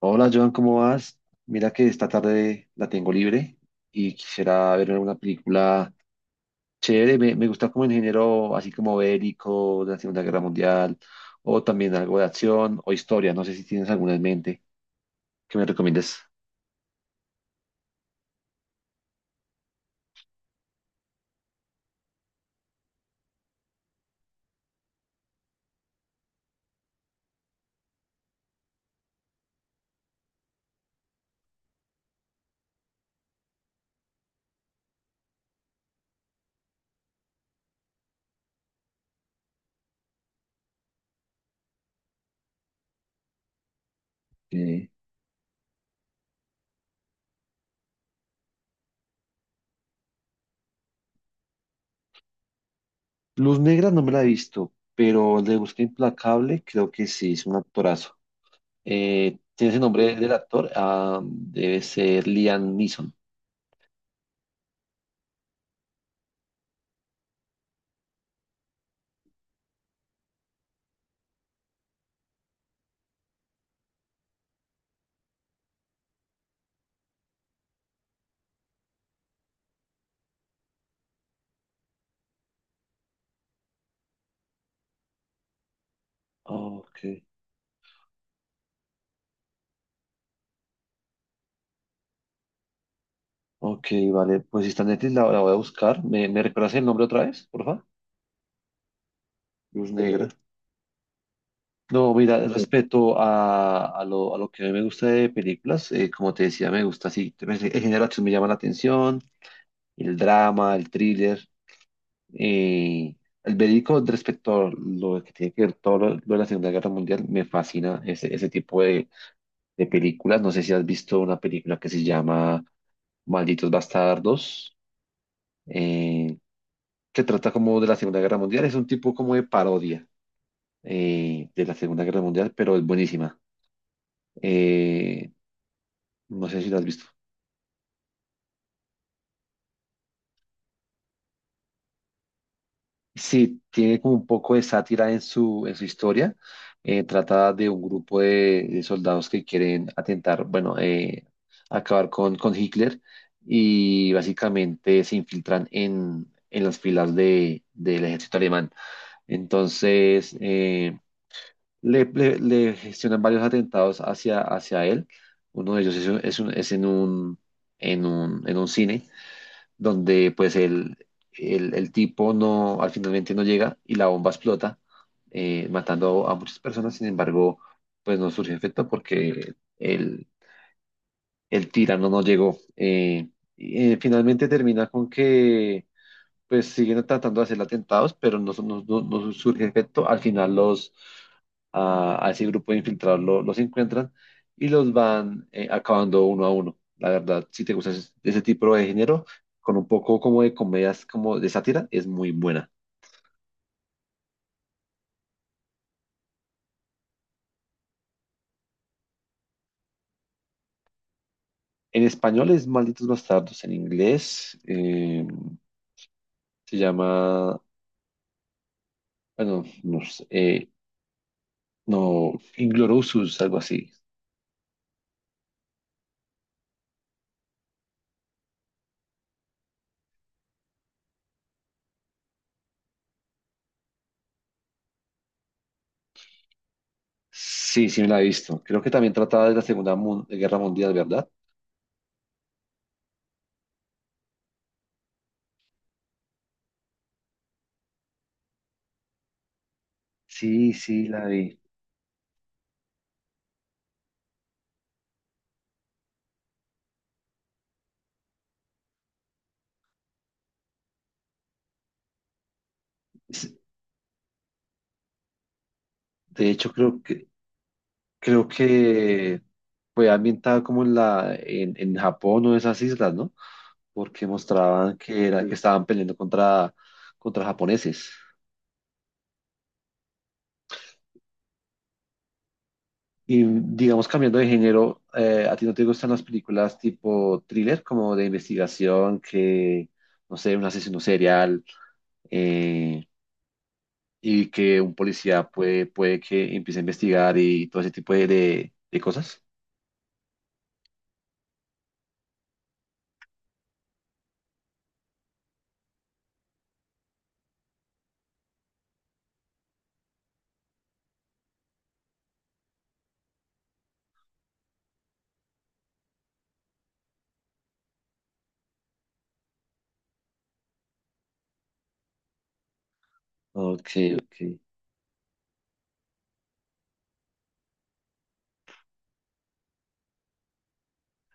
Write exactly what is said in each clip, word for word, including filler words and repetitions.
Hola Joan, ¿cómo vas? Mira que esta tarde la tengo libre y quisiera ver una película chévere. Me, me gusta como en género así como bélico de la Segunda Guerra Mundial o también algo de acción o historia. No sé si tienes alguna en mente que me recomiendes. Eh, Luz Negra no me la he visto, pero de Busca Implacable creo que sí, es un actorazo. Eh, ¿tienes el nombre del actor? Ah, debe ser Liam Neeson. Ok. Ok, vale. Pues si está en Netflix, la, la voy a buscar. ¿Me, me recuerdas el nombre otra vez, por favor? Luz Negra. Sí, no, mira, sí. Respecto a, a lo, a lo que a mí me gusta de películas, eh, como te decía, me gusta así, pues. El género de acción me llama la atención, el drama, el thriller, eh, el verídico respecto a lo que tiene que ver todo lo, lo de la Segunda Guerra Mundial, me fascina ese, ese tipo de, de películas. No sé si has visto una película que se llama Malditos Bastardos. eh, que trata como de la Segunda Guerra Mundial. Es un tipo como de parodia, eh, de la Segunda Guerra Mundial, pero es buenísima. Eh, no sé si la has visto. Sí, tiene como un poco de sátira en su, en su historia. Eh, trata de un grupo de, de soldados que quieren atentar, bueno, eh, acabar con, con Hitler y básicamente se infiltran en, en las filas de, del ejército alemán. Entonces, eh, le, le- le gestionan varios atentados hacia, hacia él. Uno de ellos es, un- es, un- es en un, en un, en un cine donde pues el, el, el tipo no, al finalmente no llega y la bomba explota, eh, matando a muchas personas. Sin embargo, pues no surge efecto porque el, el tirano no llegó. Eh, y, eh, finalmente termina con que pues siguen tratando de hacer atentados, pero no, son- no, no- no surge efecto. Al final los a, a ese grupo de infiltrados lo- los encuentran y los van eh, acabando uno a uno. La verdad, si te gusta ese, ese tipo de género, con un poco como de comedias, como de sátira, es muy buena. En español es Malditos Bastardos, en inglés eh, se llama, bueno, no sé, eh, no, Inglourious, algo así. Sí, sí me la he visto. Creo que también trataba de la Segunda Mun- Guerra Mundial, ¿verdad? Sí, sí, la vi. Es- De hecho, creo que, creo que fue ambientada como en la, en, en Japón o esas islas, ¿no? Porque mostraban que era, que estaban peleando contra, contra japoneses. Y digamos, cambiando de género, eh, ¿a ti no te gustan las películas tipo thriller, como de investigación, que, no sé, un asesino serial, eh, y que un policía puede, puede que empiece a investigar y todo ese tipo de, de de cosas? Ok, ok.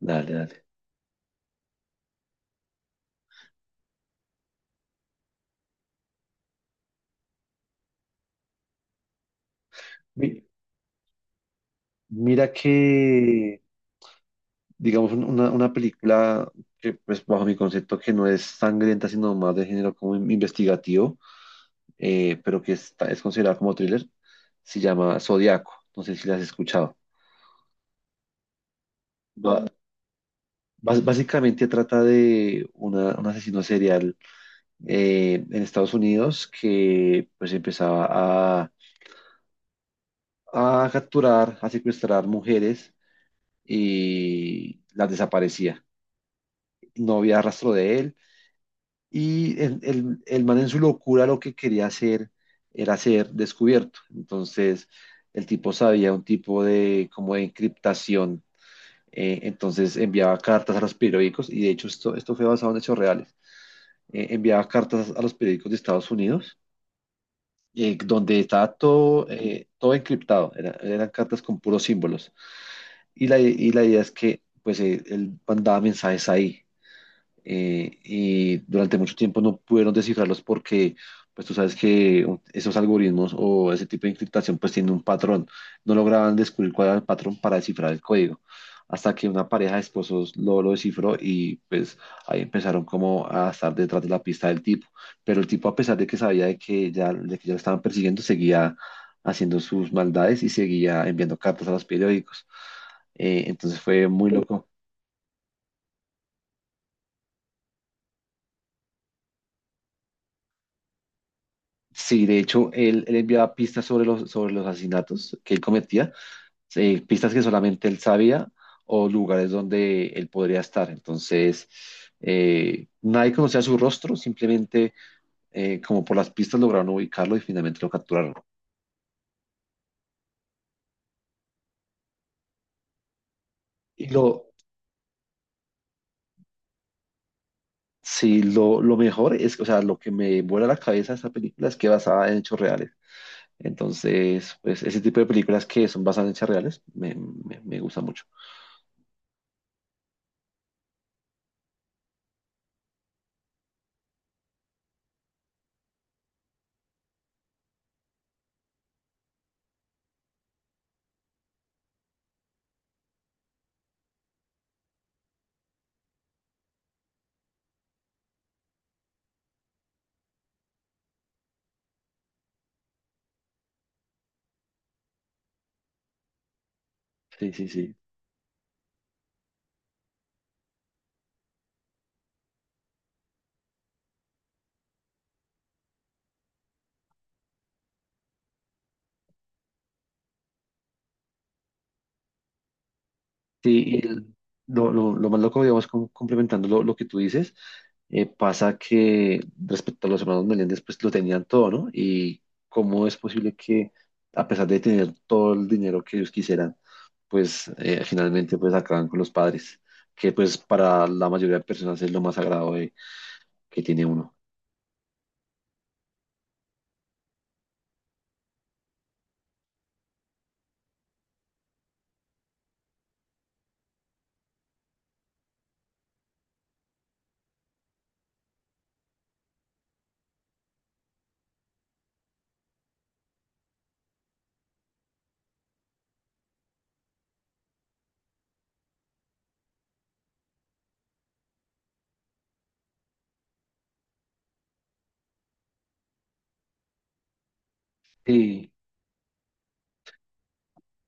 Dale, dale. Mi- Mira que, digamos, un- una, una película que, pues, bajo mi concepto, que no es sangrienta, sino más de género como in- investigativo, eh, pero que está- es considerada como thriller, se llama Zodiaco. No sé si la has escuchado. Ba- bas- Básicamente trata de una- un asesino serial, eh, en Estados Unidos que, pues, empezaba a, a capturar, a secuestrar mujeres y las desaparecía. No había rastro de él. Y el, el, el man en su locura lo que quería hacer era ser descubierto. Entonces, el tipo sabía un tipo de como de encriptación. Eh, entonces enviaba cartas a los periódicos, y de hecho esto, esto fue basado en hechos reales. Eh, enviaba cartas a los periódicos de Estados Unidos, eh, donde estaba todo, eh, todo encriptado. Era- eran cartas con puros símbolos. Y la, y la idea es que pues, eh, él mandaba mensajes ahí. Eh, y durante mucho tiempo no pudieron descifrarlos porque, pues tú sabes que un- esos algoritmos o ese tipo de encriptación pues tiene un patrón. No lograban descubrir cuál era el patrón para descifrar el código, hasta que una pareja de esposos lo, lo descifró y pues ahí empezaron como a estar detrás de la pista del tipo. Pero el tipo, a pesar de que sabía de que ya, de que ya lo estaban persiguiendo, seguía haciendo sus maldades y seguía enviando cartas a los periódicos. Eh, entonces fue muy loco. Sí, de hecho, él, él enviaba pistas sobre los, sobre los asesinatos que él cometía, eh, pistas que solamente él sabía o lugares donde él podría estar. Entonces, eh, nadie conocía su rostro, simplemente eh, como por las pistas lograron ubicarlo y finalmente lo capturaron. Y lo, sí, lo, lo mejor es, o sea, lo que me vuela la cabeza de esta película es que basada en hechos reales. Entonces, pues ese tipo de películas que son basadas en hechos reales me, me, me gusta mucho. Sí, sí, sí. Sí, y el- lo, lo- lo más loco, digamos, com- complementando lo, lo que tú dices, eh, pasa que respecto a los hermanos Meléndez, pues lo tenían todo, ¿no? Y cómo es posible que, a pesar de tener todo el dinero que ellos quisieran, pues eh, finalmente pues acaban con los padres, que pues para la mayoría de personas es lo más sagrado de- que tiene uno. Sí,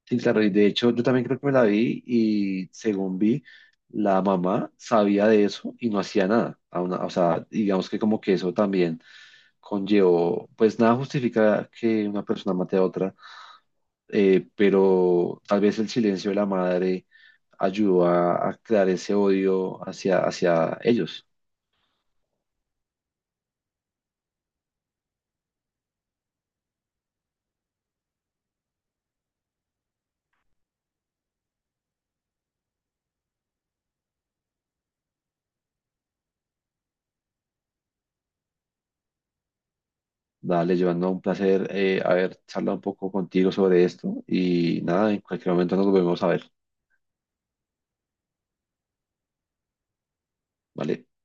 sí, claro, y de hecho yo también creo que me la vi y según vi, la mamá sabía de eso y no hacía nada. A una- o sea, digamos que como que eso también conllevó, pues nada justifica que una persona mate a otra, eh, pero tal vez el silencio de la madre ayudó a, a crear ese odio hacia, hacia ellos. Dale, llevando un placer eh, haber charlado un poco contigo sobre esto y nada, en cualquier momento nos volvemos a ver, ¿vale?